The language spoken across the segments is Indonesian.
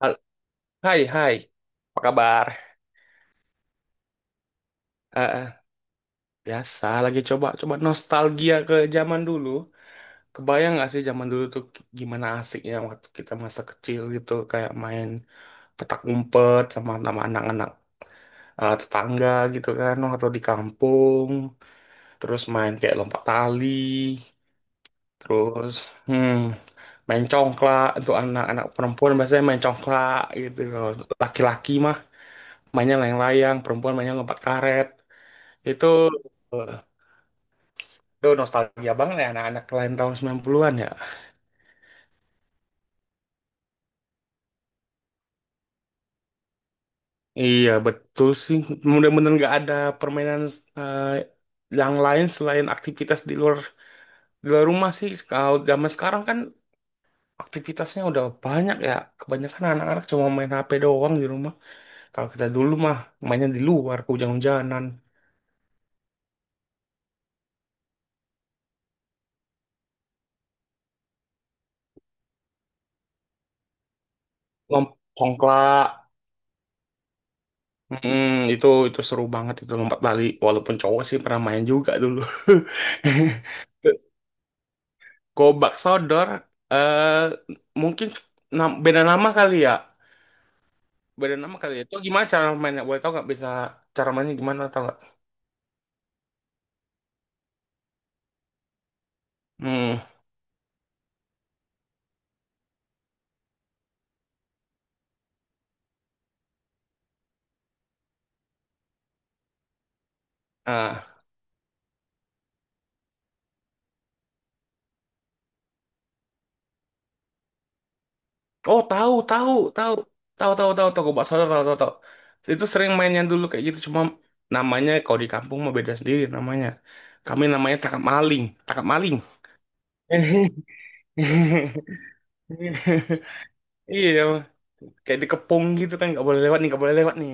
Hal- Hai, hai, apa kabar? Eh, eh, Biasa lagi coba coba nostalgia ke zaman dulu. Kebayang nggak sih zaman dulu tuh gimana asiknya waktu kita masa kecil gitu kayak main petak umpet sama sama anak-anak eh, tetangga gitu kan, atau di kampung, terus main kayak lompat tali, terus hmm main congklak. Untuk anak-anak perempuan biasanya main congklak gitu. Kalau laki-laki mah mainnya layang-layang, perempuan mainnya lompat karet. Itu eh, itu nostalgia banget ya anak-anak lain tahun 90-an ya. Iya, betul sih. Mudah-mudahan nggak ada permainan eh, yang lain selain aktivitas di luar rumah sih. Kalau zaman sekarang kan aktivitasnya udah banyak ya. Kebanyakan anak-anak cuma main HP doang di rumah. Kalau kita dulu mah mainnya di luar, ke hujan-hujanan, lompat congklak. Mm, itu seru banget itu lompat tali. Walaupun cowok sih pernah main juga dulu. Gobak Sodor, eh mungkin beda nama kali ya. Beda nama kali ya. Itu gimana cara mainnya? Boleh tahu nggak, bisa cara mainnya gimana, tahu nggak? Hmm. Ah. Oh, tahu, tahu, tahu. Tahu, tahu, tahu, tahu Gobak Sodor, tahu, tahu, tahu. Itu sering mainnya dulu kayak gitu, cuma namanya kalau di kampung mah beda sendiri namanya. Kami namanya tangkap maling, tangkap maling. Iya, kayak dikepung gitu kan, nggak boleh lewat nih, nggak boleh lewat nih.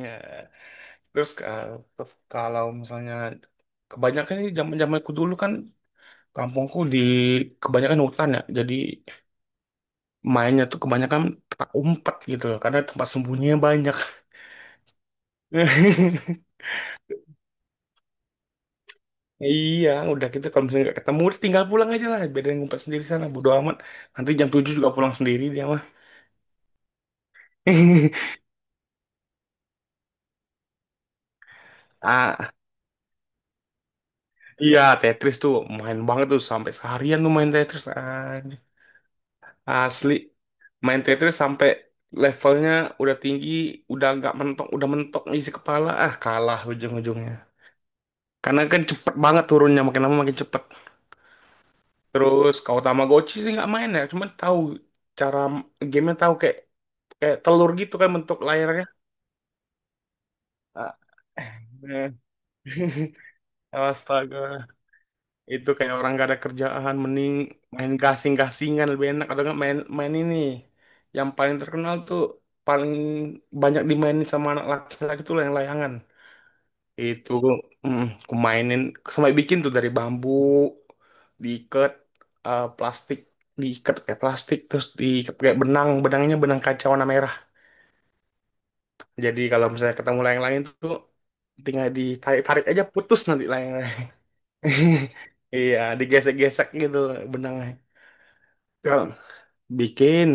Terus kalau misalnya, kebanyakan ini zaman-zamanku dulu kan, kampungku di kebanyakan hutan ya. Jadi mainnya tuh kebanyakan petak umpet gitu loh, karena tempat sembunyinya banyak. Iya, udah gitu kalau misalnya nggak ketemu udah tinggal pulang aja lah, biar dia ngumpet sendiri sana, bodo amat. Nanti jam 7 juga pulang sendiri dia mah. Ah, iya, Tetris tuh main banget tuh, sampai seharian tuh main Tetris aja. Asli. Main Tetris sampai levelnya udah tinggi, udah nggak mentok, udah mentok isi kepala, ah kalah ujung-ujungnya. Karena kan cepet banget turunnya, makin lama makin cepet. Terus kalau Tamagotchi sih nggak main ya, cuman tahu cara gamenya, tahu kayak kayak telur gitu kan bentuk layarnya. Ah, eh. Astaga, itu kayak orang gak ada kerjaan, mending main gasing-gasingan lebih enak, atau nggak main main ini. Yang paling terkenal tuh, paling banyak dimainin sama anak laki-laki tuh lah, yang layangan. Itu aku mainin sampai bikin tuh dari bambu, diikat plastik, diikat kayak plastik, terus diikat kayak benangnya benang kaca warna merah. Jadi kalau misalnya ketemu layang-layang tuh, tinggal ditarik tarik aja, putus nanti layang-layang. Iya, digesek-gesek gitu benangnya. Kalau bikin,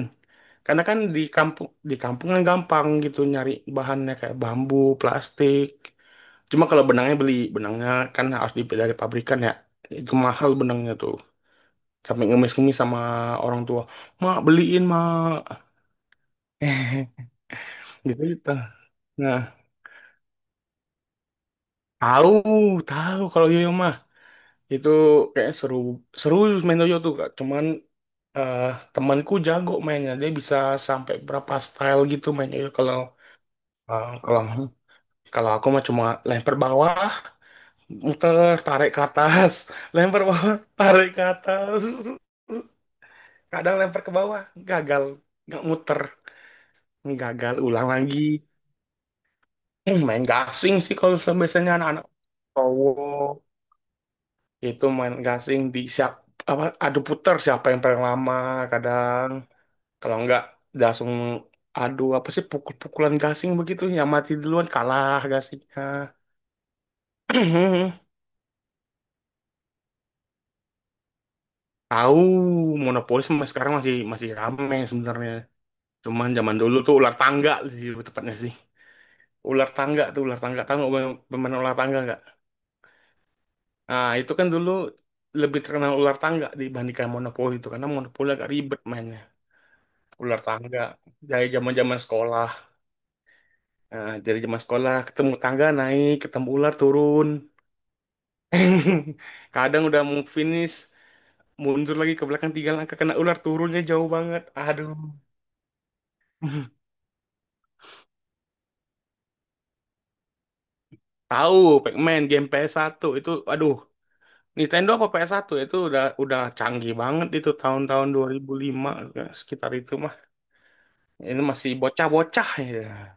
karena kan di kampung kan gampang gitu nyari bahannya kayak bambu, plastik. Cuma kalau benangnya beli, benangnya kan harus dibeli dari pabrikan ya. Itu mahal benangnya tuh. Sampai ngemis-ngemis sama orang tua. Mak, beliin, mak. Gitu gitu. Nah, tahu, tahu kalau yoyo mah. Itu kayak seru, seru main yoyo tuh, Kak. Cuman eh, temanku jago mainnya. Dia bisa sampai berapa style gitu main yoyo. Kalau eh, kalau kalau aku mah cuma lempar bawah, muter, tarik ke atas, lempar bawah, tarik ke atas. Kadang lempar ke bawah, gagal nggak muter, gagal, ulang lagi. Main gasing sih, kalau misalnya biasanya anak-anak cowok itu main gasing di siap, apa, adu puter siapa yang paling lama, kadang kalau nggak langsung adu, apa sih, pukul-pukulan gasing, begitu yang mati duluan kalah gasingnya. Tahu monopoli, sama sekarang masih masih rame sebenarnya, cuman zaman dulu tuh ular tangga sih tepatnya sih, ular tangga tuh, ular tangga tahu nggak, pemain pemain ular tangga. Nah, itu kan dulu lebih terkenal ular tangga dibandingkan monopoli, itu karena monopoli agak ribet mainnya. Ular tangga dari zaman-zaman sekolah. Nah, dari zaman sekolah ketemu tangga naik, ketemu ular turun. Kadang udah mau finish, mundur lagi ke belakang 3 langkah, kena ular turunnya jauh banget. Aduh. Tahu, Pac-Man game PS1 itu, aduh, Nintendo apa PS1 itu udah canggih banget itu tahun-tahun 2005, sekitar itu mah. Ini masih bocah-bocah ya.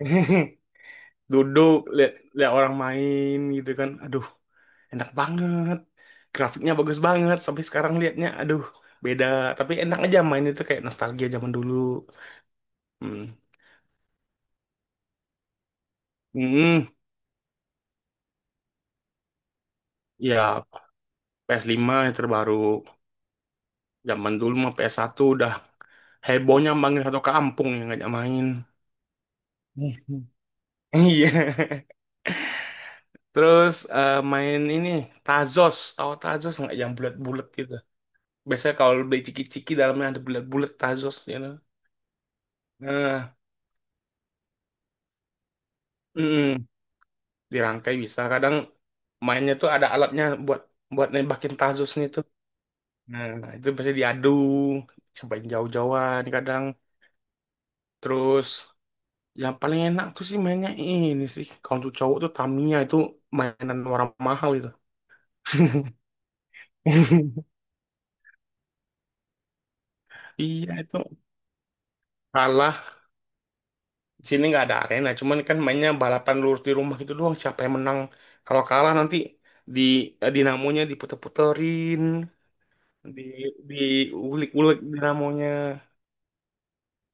Duduk lihat lihat orang main gitu kan, aduh enak banget grafiknya, bagus banget sampai sekarang liatnya, aduh beda, tapi enak aja main itu kayak nostalgia zaman dulu. Hmm. Hmm. Ya, PS5 yang terbaru. Zaman dulu mah PS1 udah hebohnya, manggil satu kampung yang ngajak main. Iya, terus main ini Tazos, tahu Tazos nggak, yang bulat-bulat gitu? Biasanya kalau beli ciki-ciki, dalamnya ada bulat-bulat Tazos ya. Nah, mm, dirangkai bisa. Kadang mainnya tuh ada alatnya buat buat nembakin tazus nih tuh. Nah, itu pasti diadu, cobain jauh-jauhan kadang. Terus yang paling enak tuh sih mainnya ini sih. Kalau untuk cowok tuh Tamiya, itu mainan orang mahal itu. Iya, itu kalah. Di sini nggak ada arena, cuman kan mainnya balapan lurus di rumah gitu doang. Siapa yang menang? Kalau kalah nanti di dinamonya diputer-puterin. di di ulik-ulik dinamonya.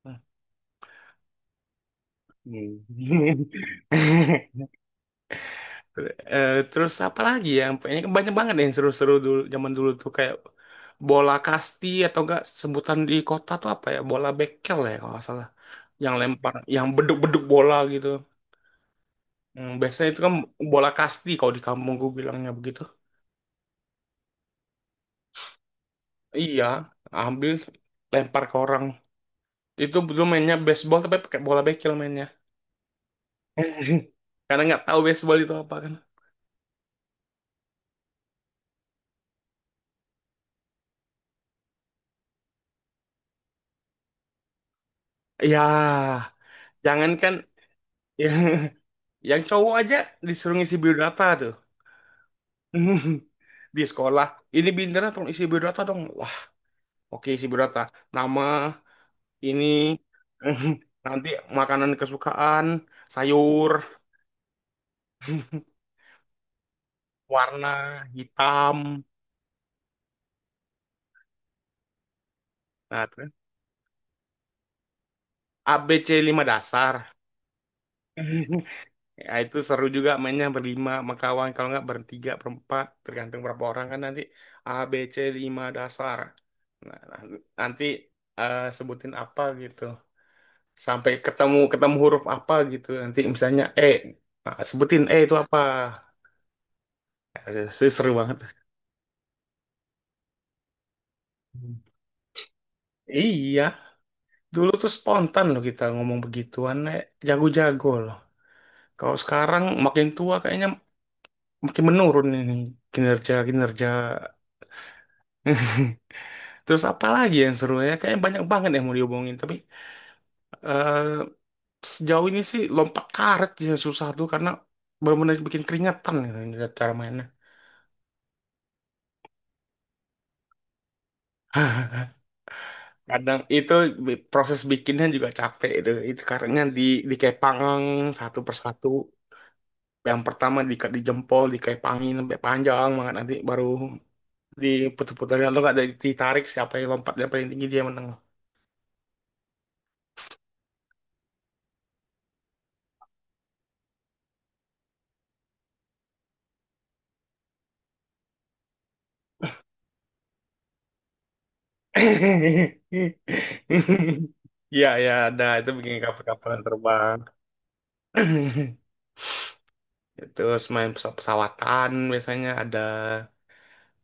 Nah, hmm. Terus apa lagi ya? Kayaknya banyak banget yang seru-seru dulu zaman dulu tuh, kayak bola kasti, atau enggak sebutan di kota tuh apa ya? Bola bekel ya kalau nggak salah. Yang lempar, yang beduk-beduk bola gitu. Biasanya itu kan bola kasti kalau di kampung gue bilangnya begitu. Iya, ambil lempar ke orang. Itu dulu mainnya baseball, tapi pakai bola bekel mainnya. Karena nggak tahu baseball itu apa kan. Ya, jangankan, ya, yang cowok aja disuruh ngisi biodata tuh. Di sekolah, ini bintangnya, tolong isi biodata dong. Wah, oke, isi biodata. Nama, ini, nanti makanan kesukaan, sayur, warna, hitam. Nah, terus ABC lima dasar. Ya, itu seru juga mainnya berlima sama kawan. Kalau nggak bertiga, berempat. Tergantung berapa orang kan nanti. ABC 5 dasar. Nah, nah, nanti sebutin apa gitu. Sampai ketemu ketemu huruf apa gitu. Nanti misalnya E. Nah, sebutin E itu apa. Seru banget. Hmm. Iya, dulu tuh spontan loh kita ngomong begituan, jago-jago loh. Kalau sekarang makin tua, kayaknya makin menurun ini kinerja-kinerja. Terus apa lagi yang seru ya? Kayaknya banyak banget yang mau diomongin, tapi eh, sejauh ini sih lompat karet ya susah tuh, karena benar-benar bikin keringetan gitu ngeliat cara mainnya. Kadang itu proses bikinnya juga capek itu. Itu karetnya dikepang satu persatu. Yang pertama di, jempol dikepangin sampai panjang banget, nanti baru diputar-putar atau nggak ditarik, siapa yang lompatnya paling tinggi dia menang. Iya ya, ada itu bikin kapal-kapalan terbang. Terus main pesawat pesawatan biasanya ada.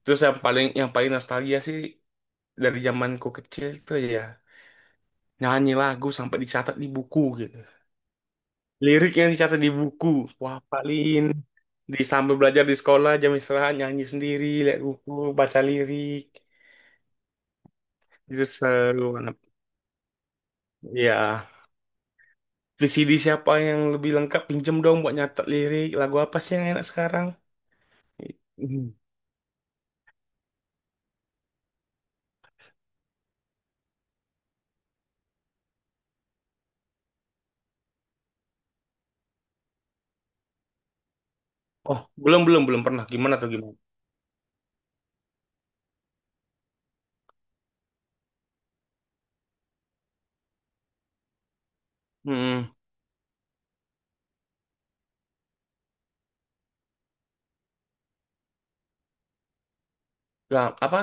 Terus yang paling nostalgia sih dari zamanku kecil tuh ya, nyanyi lagu sampai dicatat di buku gitu. Liriknya dicatat di buku. Wah, paling di sambil belajar di sekolah jam istirahat, nyanyi sendiri lihat buku, baca lirik. Itu seru banget ya. VCD siapa yang lebih lengkap, pinjem dong buat nyatat lirik lagu apa sih yang enak sekarang. Mhm. Oh, belum belum belum pernah. Gimana tuh, gimana? Hmm. Nggak, apa?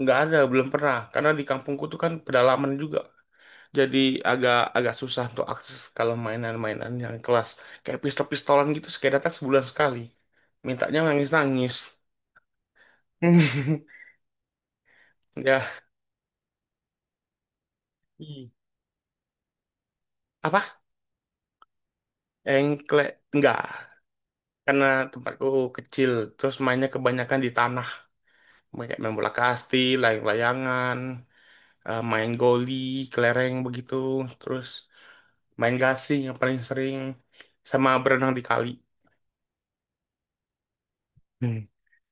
Nggak ada, belum pernah. Karena di kampungku tuh kan pedalaman juga. Jadi agak agak susah untuk akses kalau mainan-mainan yang kelas kayak pistol-pistolan gitu, sekali datang sebulan sekali. Mintanya nangis-nangis. Ya. Hmm. Apa? Engklek. Enggak. Karena tempatku kecil. Terus mainnya kebanyakan di tanah. Kayak main bola kasti, layang-layangan, main goli, kelereng begitu, terus main gasing yang paling sering, sama berenang di kali. Hmm.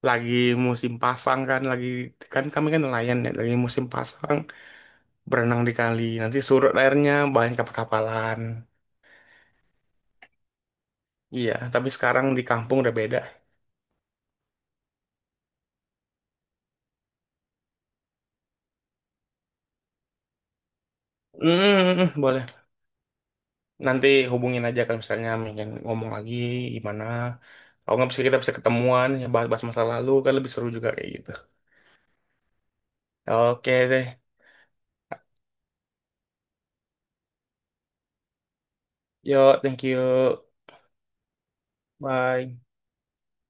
Lagi musim pasang kan, lagi, kan kami kan nelayan ya, lagi musim pasang berenang di kali. Nanti surut airnya banyak kapal-kapalan. Iya, tapi sekarang di kampung udah beda. Hmm, hmm, hmm, hmm, boleh. Nanti hubungin aja kalau misalnya ingin ngomong lagi, gimana. Kalau nggak bisa kita bisa ketemuan ya, bahas-bahas masa lalu kan lebih seru juga kayak gitu. Oke deh. Yo, thank you. Bye.